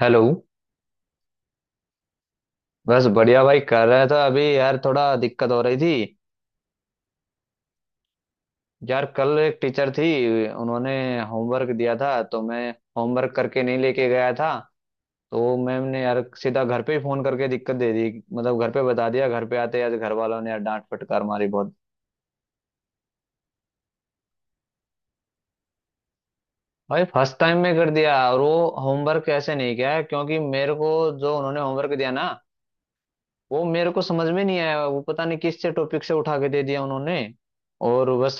Hello. बस बढ़िया भाई, कर रहा था अभी यार थोड़ा दिक्कत हो रही थी। यार कल एक टीचर थी, उन्होंने होमवर्क दिया था, तो मैं होमवर्क करके नहीं लेके गया था। तो मैम ने यार सीधा घर पे ही फोन करके दिक्कत दे दी। मतलब घर पे बता दिया, घर पे आते यार घर वालों ने यार डांट फटकार मारी बहुत। भाई फर्स्ट टाइम में कर दिया, और वो होमवर्क ऐसे नहीं किया है क्योंकि मेरे को जो उन्होंने होमवर्क दिया ना, वो मेरे को समझ में नहीं आया। वो पता नहीं किस से टॉपिक से उठा के दे दिया उन्होंने। और बस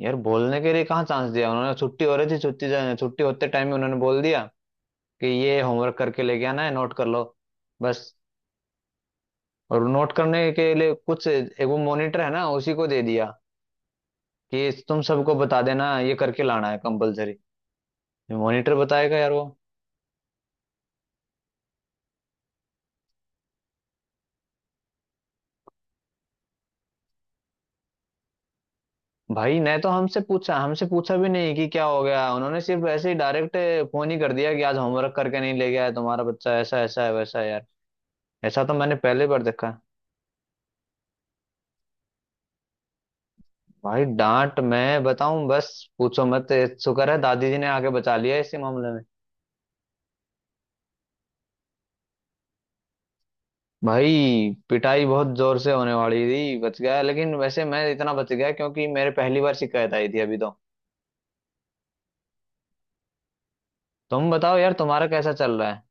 यार बोलने के लिए कहाँ चांस दिया उन्होंने, छुट्टी हो रही थी, छुट्टी होते टाइम ही उन्होंने बोल दिया कि ये होमवर्क करके लेके आना है, नोट कर लो बस। और नोट करने के लिए कुछ एक वो मॉनिटर है ना, उसी को दे दिया कि तुम सबको बता देना ये करके लाना है कंपलसरी। मॉनिटर बताएगा यार वो। भाई ने तो हमसे पूछा, हमसे पूछा भी नहीं कि क्या हो गया, उन्होंने सिर्फ ऐसे ही डायरेक्ट फोन ही कर दिया कि आज होमवर्क करके नहीं ले गया है तुम्हारा बच्चा, ऐसा ऐसा है, वैसा है यार। ऐसा तो मैंने पहले बार देखा। भाई डांट मैं बताऊं बस, पूछो मत। शुक्र है दादी जी ने आके बचा लिया इसी मामले में। भाई पिटाई बहुत जोर से होने वाली थी, बच गया। लेकिन वैसे मैं इतना बच गया क्योंकि मेरे पहली बार शिकायत आई थी अभी तो। तुम बताओ यार तुम्हारा कैसा चल रहा है।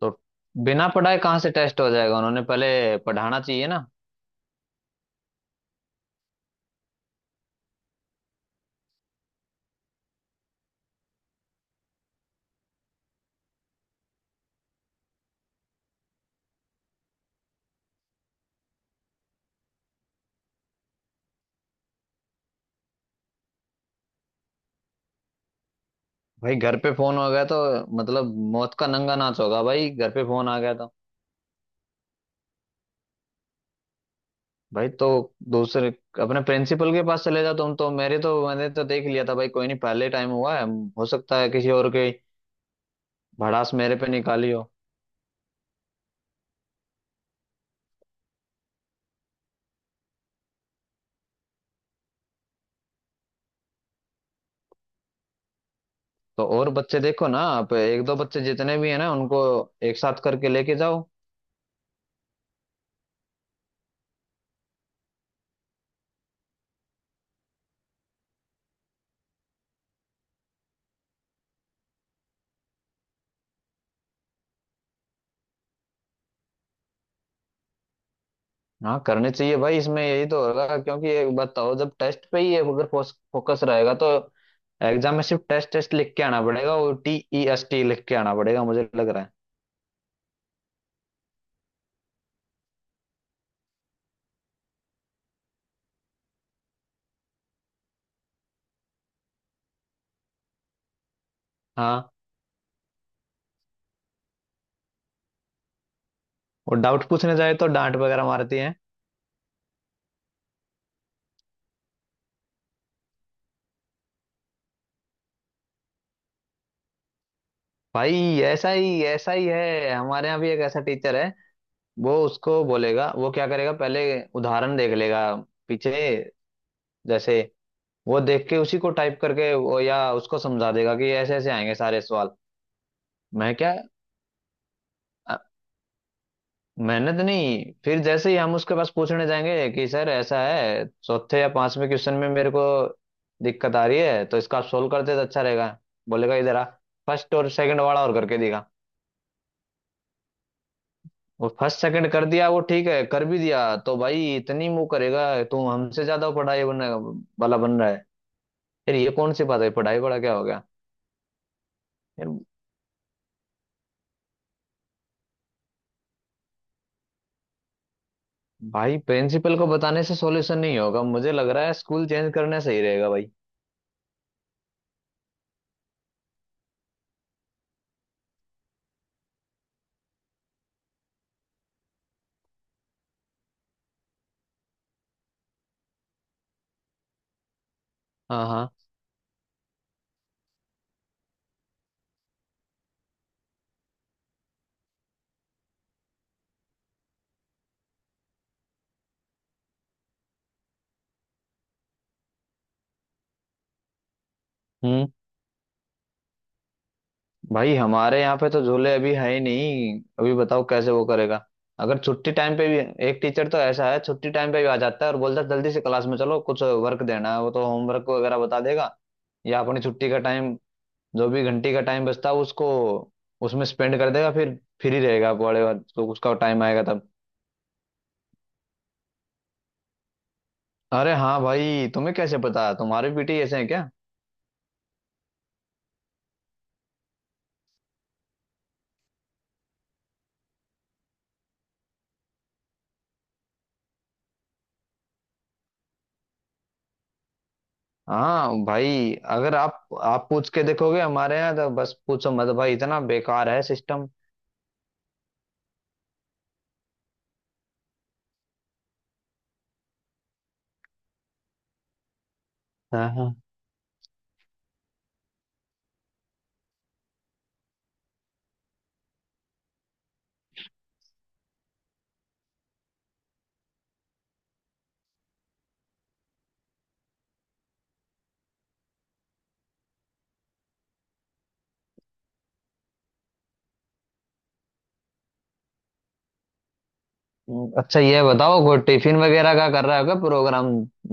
तो बिना पढ़ाए कहाँ से टेस्ट हो जाएगा, उन्होंने पहले पढ़ाना चाहिए ना। भाई घर पे फोन हो गया तो मतलब मौत का नंगा नाच होगा भाई, घर पे फोन आ गया तो। भाई तो दूसरे अपने प्रिंसिपल के पास चले जाओ तुम, तो मेरे तो मैंने तो देख लिया था भाई, कोई नहीं, पहले टाइम हुआ है। हो सकता है किसी और के भड़ास मेरे पे निकाली हो। तो और बच्चे देखो ना, आप एक दो बच्चे जितने भी हैं ना उनको एक साथ करके लेके जाओ। हाँ करने चाहिए भाई, इसमें यही तो होगा। क्योंकि एक बताओ, जब टेस्ट पे ही अगर फोकस रहेगा तो एग्जाम में सिर्फ टेस्ट टेस्ट लिख के आना पड़ेगा, वो TEST लिख के आना पड़ेगा मुझे लग रहा है। हाँ, और डाउट पूछने जाए तो डांट वगैरह मारती है। भाई ऐसा ही है, हमारे यहाँ भी एक ऐसा टीचर है। वो उसको बोलेगा, वो क्या करेगा, पहले उदाहरण देख लेगा पीछे। जैसे वो देख के उसी को टाइप करके वो या उसको समझा देगा कि ऐसे ऐसे आएंगे सारे सवाल। मैं क्या, अ, मेहनत नहीं, फिर जैसे ही हम उसके पास पूछने जाएंगे कि सर ऐसा है, चौथे या पांचवें क्वेश्चन में मेरे को दिक्कत आ रही है, तो इसका आप सोल्व करते तो अच्छा रहेगा। बोलेगा इधर आ, फर्स्ट और सेकंड वाला और करके दिखा। वो फर्स्ट सेकंड कर दिया, वो ठीक है कर भी दिया, तो भाई इतनी मुंह करेगा, तू हमसे ज्यादा पढ़ाई बनने वाला बन रहा है। यार ये कौन सी बात है, पढ़ाई वाला क्या हो गया यार। भाई प्रिंसिपल को बताने से सॉल्यूशन नहीं होगा, मुझे लग रहा है स्कूल चेंज करना सही रहेगा भाई। हाँ हाँ, हम्म। भाई हमारे यहाँ पे तो झूले अभी है ही नहीं, अभी बताओ कैसे वो करेगा। अगर छुट्टी टाइम पे भी, एक टीचर तो ऐसा है छुट्टी टाइम पे भी आ जाता है और बोलता है जल्दी से क्लास में चलो, कुछ वर्क देना है। वो तो होमवर्क वगैरह बता देगा, या अपनी छुट्टी का टाइम, जो भी घंटी का टाइम बचता है उसको उसमें स्पेंड कर देगा। फिर फ्री रहेगा पड़े, तो उसका टाइम आएगा तब। अरे हाँ भाई, तुम्हें कैसे पता, तुम्हारे बेटे ही ऐसे हैं क्या। हाँ भाई अगर आप आप पूछ के देखोगे हमारे यहाँ, तो बस पूछो मत भाई, इतना बेकार है सिस्टम। हाँ हाँ, हम्म। अच्छा ये बताओ, वो टिफिन वगैरह का कर रहा होगा प्रोग्राम।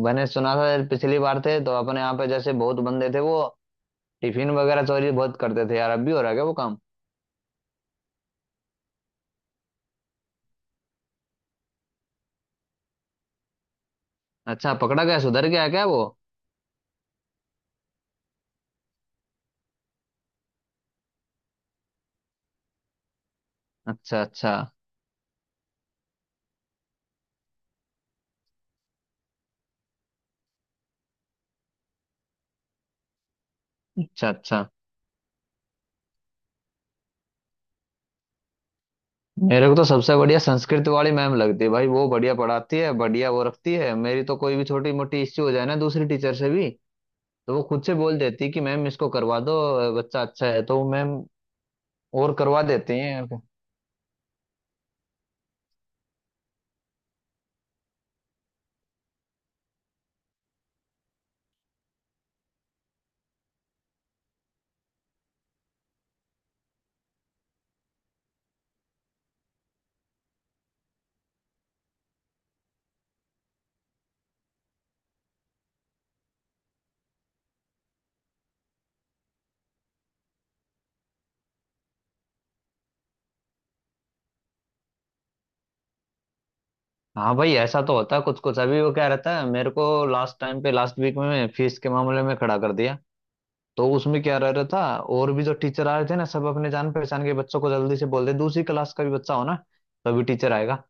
मैंने सुना था यार, पिछली बार थे तो अपने यहाँ पे जैसे बहुत बंदे थे वो टिफिन वगैरह चोरी बहुत करते थे यार, अब भी हो रहा है क्या वो काम। अच्छा, पकड़ा गया, सुधर गया क्या वो। अच्छा अच्छा। अच्छा अच्छा। मेरे को तो सबसे बढ़िया संस्कृत वाली मैम लगती है भाई, वो बढ़िया पढ़ाती है, बढ़िया वो रखती है। मेरी तो कोई भी छोटी मोटी इश्यू हो जाए ना दूसरी टीचर से भी, तो वो खुद से बोल देती है कि मैम इसको करवा दो, बच्चा अच्छा है तो वो मैम, और करवा देती हैं। हाँ भाई ऐसा तो होता है कुछ कुछ। अभी वो क्या रहता है, मेरे को लास्ट टाइम पे लास्ट वीक में फीस के मामले में खड़ा कर दिया, तो उसमें क्या रह रहा था, और भी जो टीचर आ रहे थे ना, सब अपने जान पहचान के बच्चों को जल्दी से बोल दे, दूसरी क्लास का भी बच्चा हो ना, तभी टीचर आएगा,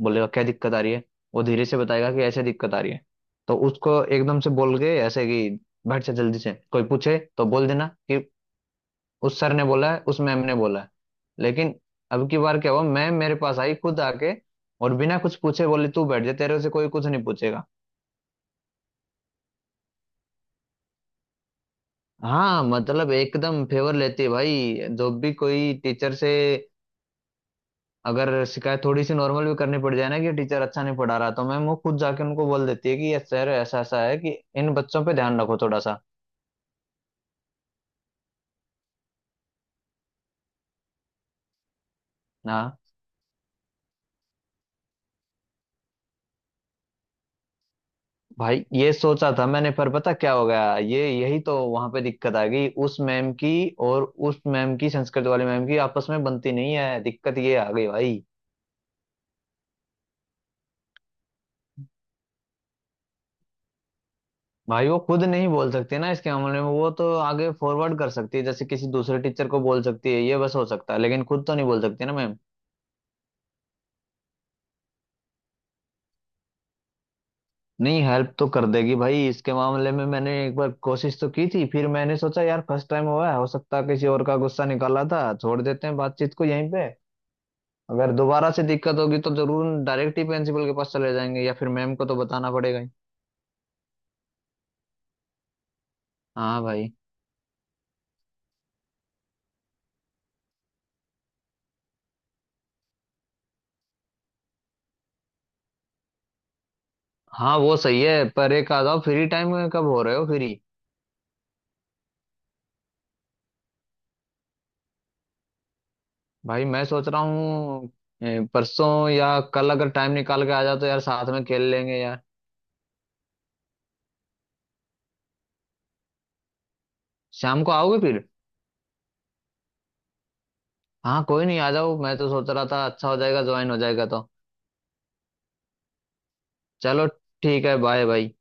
बोलेगा क्या दिक्कत आ रही है, वो धीरे से बताएगा कि ऐसे दिक्कत आ रही है, तो उसको एकदम से बोल के ऐसे कि बैठ जा जल्दी से, कोई पूछे तो बोल देना कि उस सर ने बोला है, उस मैम ने बोला है। लेकिन अब की बार क्या हुआ, मैम मेरे पास आई खुद आके, और बिना कुछ पूछे बोली, तू बैठ जा, तेरे से कोई कुछ नहीं पूछेगा। हाँ मतलब एकदम फेवर लेती है भाई, जो भी कोई टीचर से अगर शिकायत थोड़ी सी नॉर्मल भी करनी पड़ जाए ना कि टीचर अच्छा नहीं पढ़ा रहा, तो मैम वो खुद जाके उनको बोल देती है कि ये सर ऐसा ऐसा है कि इन बच्चों पे ध्यान रखो थोड़ा सा। ना भाई ये सोचा था मैंने, पर पता क्या हो गया ये, यही तो वहां पे दिक्कत आ गई उस मैम की। और उस मैम की संस्कृत वाली मैम की आपस में बनती नहीं है, दिक्कत ये आ गई भाई। भाई वो खुद नहीं बोल सकती ना इसके मामले में, वो तो आगे फॉरवर्ड कर सकती है, जैसे किसी दूसरे टीचर को बोल सकती है ये बस हो सकता है, लेकिन खुद तो नहीं बोल सकती ना मैम। नहीं, हेल्प तो कर देगी भाई इसके मामले में, मैंने एक बार कोशिश तो की थी, फिर मैंने सोचा यार फर्स्ट टाइम हुआ है, हो सकता है किसी और का गुस्सा निकाला था, छोड़ देते हैं बातचीत को यहीं पे। अगर दोबारा से दिक्कत होगी तो जरूर डायरेक्ट ही प्रिंसिपल के पास चले जाएंगे, या फिर मैम को तो बताना पड़ेगा ही। हाँ भाई। हाँ वो सही है, पर एक आ जाओ, फ्री टाइम कब हो रहे हो फ्री। भाई मैं सोच रहा हूँ, परसों या कल अगर टाइम निकाल के आ जाओ तो यार साथ में खेल लेंगे यार। शाम को आओगे फिर। हाँ कोई नहीं, आ जाओ, मैं तो सोच रहा था अच्छा हो जाएगा, ज्वाइन हो जाएगा तो। चलो ठीक है, बाय भाई।